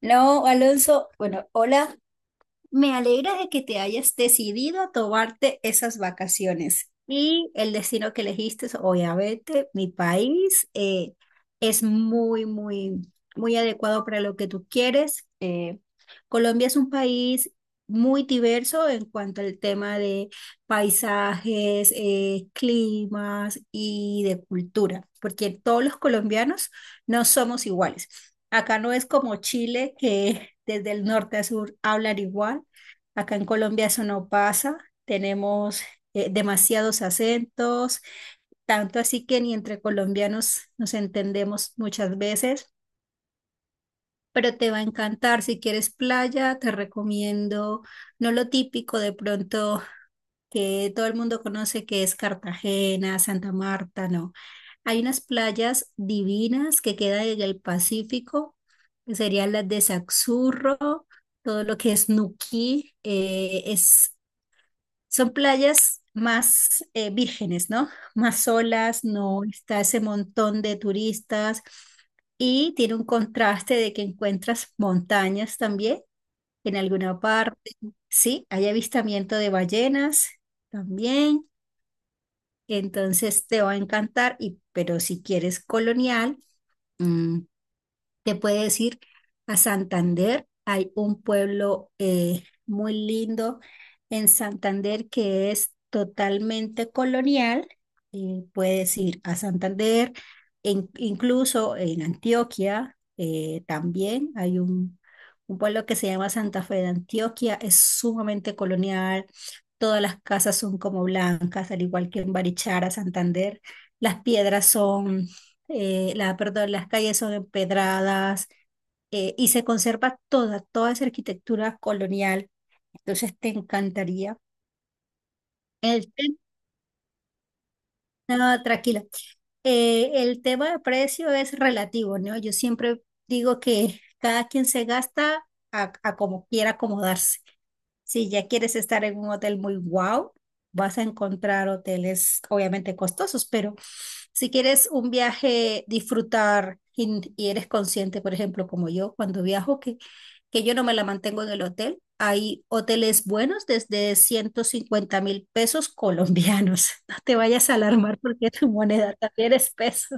No, Alonso, bueno, hola, me alegra de que te hayas decidido a tomarte esas vacaciones. Y el destino que elegiste es obviamente mi país, es muy, muy, muy adecuado para lo que tú quieres. Colombia es un país muy diverso en cuanto al tema de paisajes, climas y de cultura, porque todos los colombianos no somos iguales. Acá no es como Chile, que desde el norte a sur hablan igual. Acá en Colombia eso no pasa. Tenemos demasiados acentos, tanto así que ni entre colombianos nos entendemos muchas veces. Pero te va a encantar. Si quieres playa, te recomiendo no lo típico de pronto que todo el mundo conoce que es Cartagena, Santa Marta, no. Hay unas playas divinas que quedan en el Pacífico, que serían las de Saxurro, todo lo que es Nuquí, son playas más vírgenes, ¿no? Más solas, no está ese montón de turistas y tiene un contraste de que encuentras montañas también en alguna parte. Sí, hay avistamiento de ballenas también. Entonces te va a encantar, y, pero si quieres colonial, mm, te puede decir a Santander, hay un pueblo muy lindo en Santander que es totalmente colonial. Puedes ir a Santander, incluso en Antioquia también hay un pueblo que se llama Santa Fe de Antioquia, es sumamente colonial. Todas las casas son como blancas, al igual que en Barichara, Santander. Las piedras son perdón, las calles son empedradas y se conserva toda esa arquitectura colonial. Entonces te encantaría. El tema, no, tranquila. El tema de precio es relativo, ¿no? Yo siempre digo que cada quien se gasta a como quiera acomodarse. Si ya quieres estar en un hotel muy wow, vas a encontrar hoteles obviamente costosos, pero si quieres un viaje, disfrutar y eres consciente, por ejemplo, como yo, cuando viajo, que yo no me la mantengo en el hotel, hay hoteles buenos desde 150.000 pesos colombianos. No te vayas a alarmar porque tu moneda también es peso.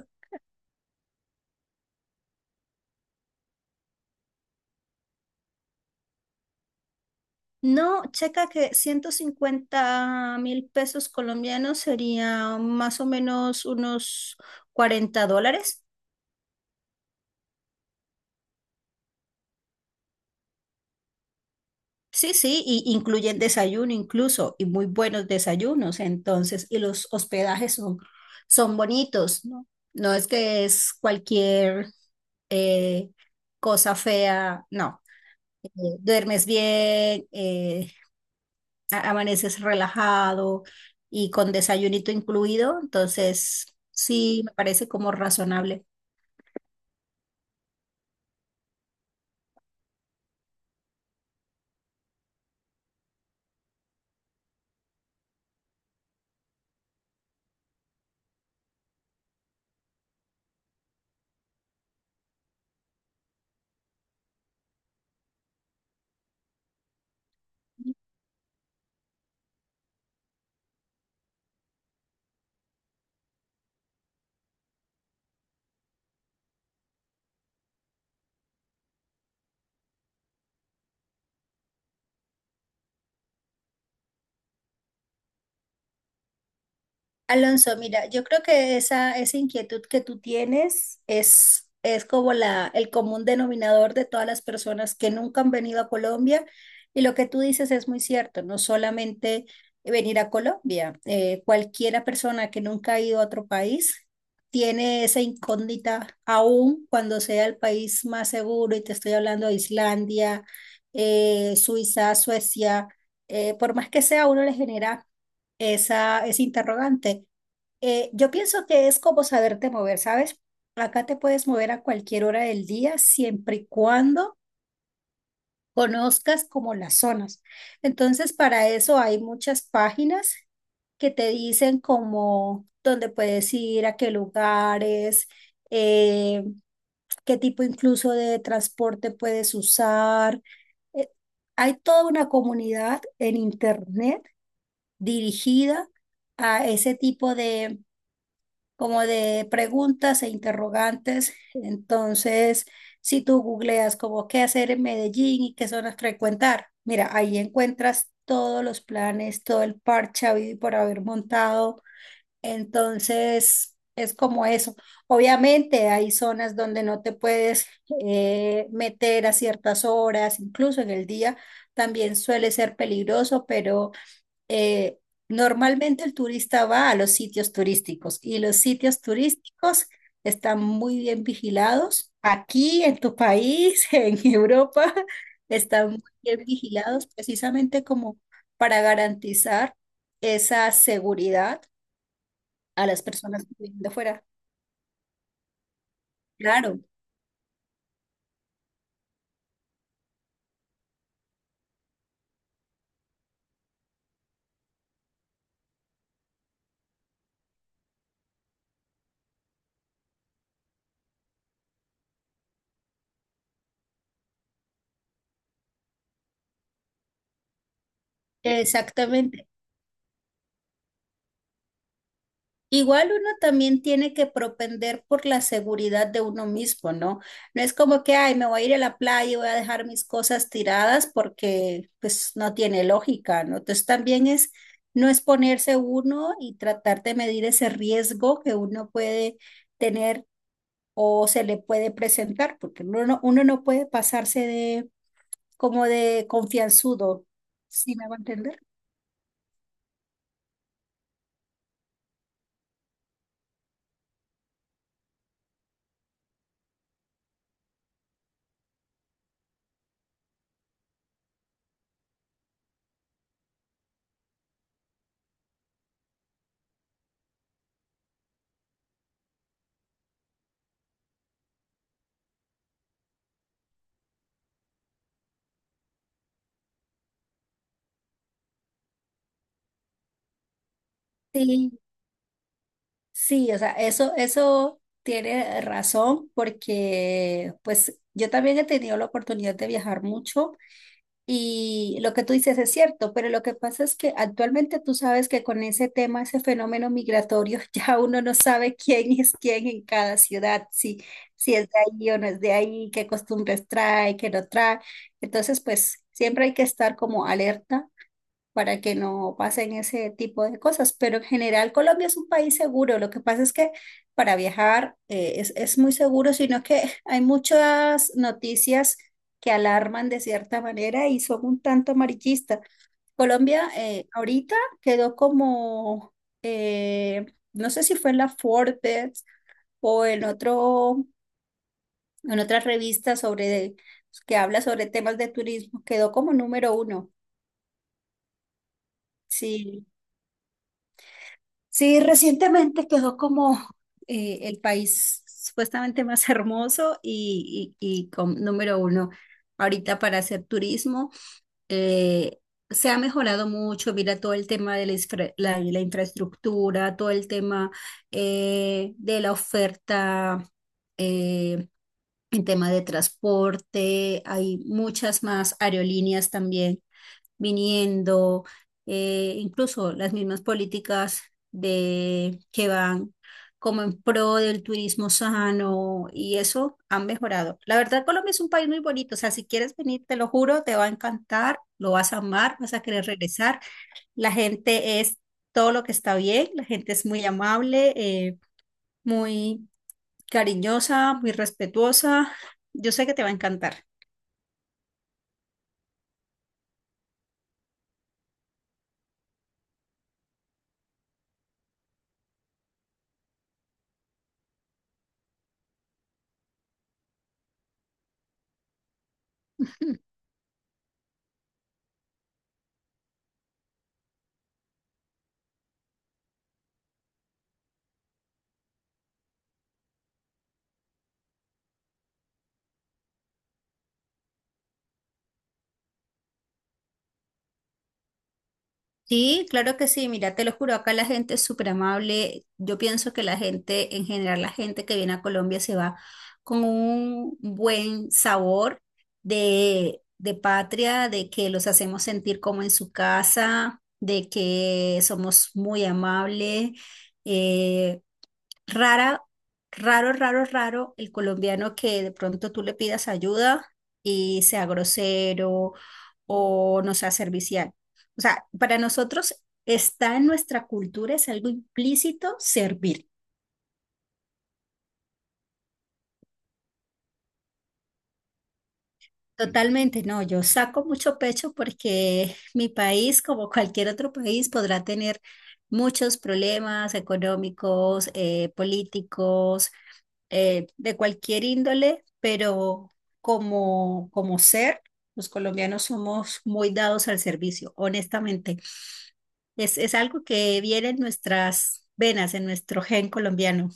No, checa que 150.000 pesos colombianos sería más o menos unos 40 dólares. Sí, sí, y incluyen desayuno incluso, y muy buenos desayunos, entonces, y los hospedajes son bonitos, ¿no? No es que es cualquier eh, cosa fea, no. eh, Duermes bien, amaneces relajado y con desayunito incluido, entonces sí me parece como razonable. Alonso, mira, yo creo que esa inquietud que tú tienes es como la, el común denominador de todas las personas que nunca han venido a Colombia. Y lo que tú dices es muy cierto, no solamente venir a Colombia, cualquiera persona que nunca ha ido a otro país tiene esa incógnita aún cuando sea el país más seguro, y te estoy hablando de Islandia, Suiza, Suecia, por más que sea, a uno le genera ese interrogante. Yo pienso que es como saberte mover, ¿sabes? Acá te puedes mover a cualquier hora del día, siempre y cuando conozcas como las zonas. Entonces, para eso hay muchas páginas que te dicen como dónde puedes ir, a qué lugares, eh, qué tipo incluso de transporte puedes usar. Eh, Hay toda una comunidad en internet dirigida a ese tipo de, como de preguntas e interrogantes. Entonces, si tú googleas como qué hacer en Medellín y qué zonas frecuentar, mira, ahí encuentras todos los planes, todo el parche habido y por haber montado. Entonces, es como eso. Obviamente hay zonas donde no te puedes meter a ciertas horas, incluso en el día también suele ser peligroso, pero eh, normalmente el turista va a los sitios turísticos y los sitios turísticos están muy bien vigilados. Aquí en tu país, en Europa, están muy bien vigilados precisamente como para garantizar esa seguridad a las personas que vienen de fuera. Claro, exactamente. Igual uno también tiene que propender por la seguridad de uno mismo, ¿no? No es como que, ay, me voy a ir a la playa y voy a dejar mis cosas tiradas porque pues no tiene lógica, ¿no? Entonces también es no exponerse uno y tratar de medir ese riesgo que uno puede tener o se le puede presentar, porque uno no puede pasarse de como de confianzudo, ¿sí me va a entender? Sí, sí, o sea, eso tiene razón porque pues yo también he tenido la oportunidad de viajar mucho y lo que tú dices es cierto, pero lo que pasa es que actualmente tú sabes que con ese tema, ese fenómeno migratorio, ya uno no sabe quién es quién en cada ciudad, si es de ahí o no es de ahí, qué costumbres trae, qué no trae. Entonces, pues siempre hay que estar como alerta para que no pasen ese tipo de cosas. Pero en general Colombia es un país seguro. Lo que pasa es que para viajar es muy seguro, sino que hay muchas noticias que alarman de cierta manera y son un tanto amarillistas. Colombia ahorita quedó eh, no sé si fue en la Forbes o en otro, en otra revista sobre, que habla sobre temas de turismo, quedó como número uno. Sí, sí, recientemente quedó como el país supuestamente más hermoso y con número uno ahorita para hacer turismo. eh, Se ha mejorado mucho, mira todo el tema de la infraestructura, todo el tema de la oferta, eh, en tema de transporte, hay muchas más aerolíneas también viniendo, incluso las mismas políticas que van como en pro del turismo sano y eso han mejorado. La verdad, Colombia es un país muy bonito, o sea, si quieres venir, te lo juro, te va a encantar, lo vas a amar, vas a querer regresar. La gente es todo lo que está bien, la gente es muy amable, muy cariñosa, muy respetuosa. Yo sé que te va a encantar. Sí, claro que sí, mira, te lo juro, acá la gente es súper amable. Yo pienso que la gente, en general, la gente que viene a Colombia se va con un buen sabor de patria, de que los hacemos sentir como en su casa, de que somos muy amables. eh, Rara, Raro el colombiano que de pronto tú le pidas ayuda y sea grosero o no sea servicial. O sea, para nosotros está en nuestra cultura, es algo implícito servir. Totalmente, no, yo saco mucho pecho porque mi país, como cualquier otro país, podrá tener muchos problemas económicos, políticos, de cualquier índole, pero como ser, los colombianos somos muy dados al servicio, honestamente. Es algo que viene en nuestras venas, en nuestro gen colombiano.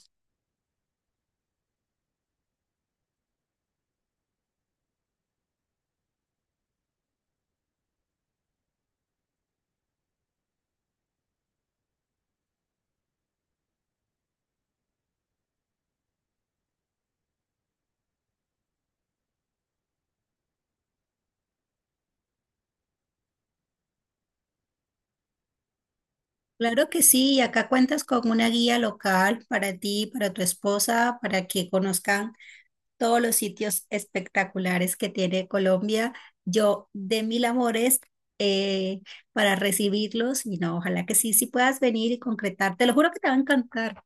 Claro que sí, y acá cuentas con una guía local para ti, para tu esposa, para que conozcan todos los sitios espectaculares que tiene Colombia. Yo de mil amores eh, para recibirlos y no, ojalá que sí puedas venir y concretar. Te lo juro que te va a encantar.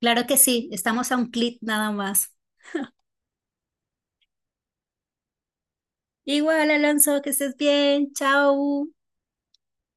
Claro que sí, estamos a un clic nada más. Igual, Alonso, que estés bien. Chao.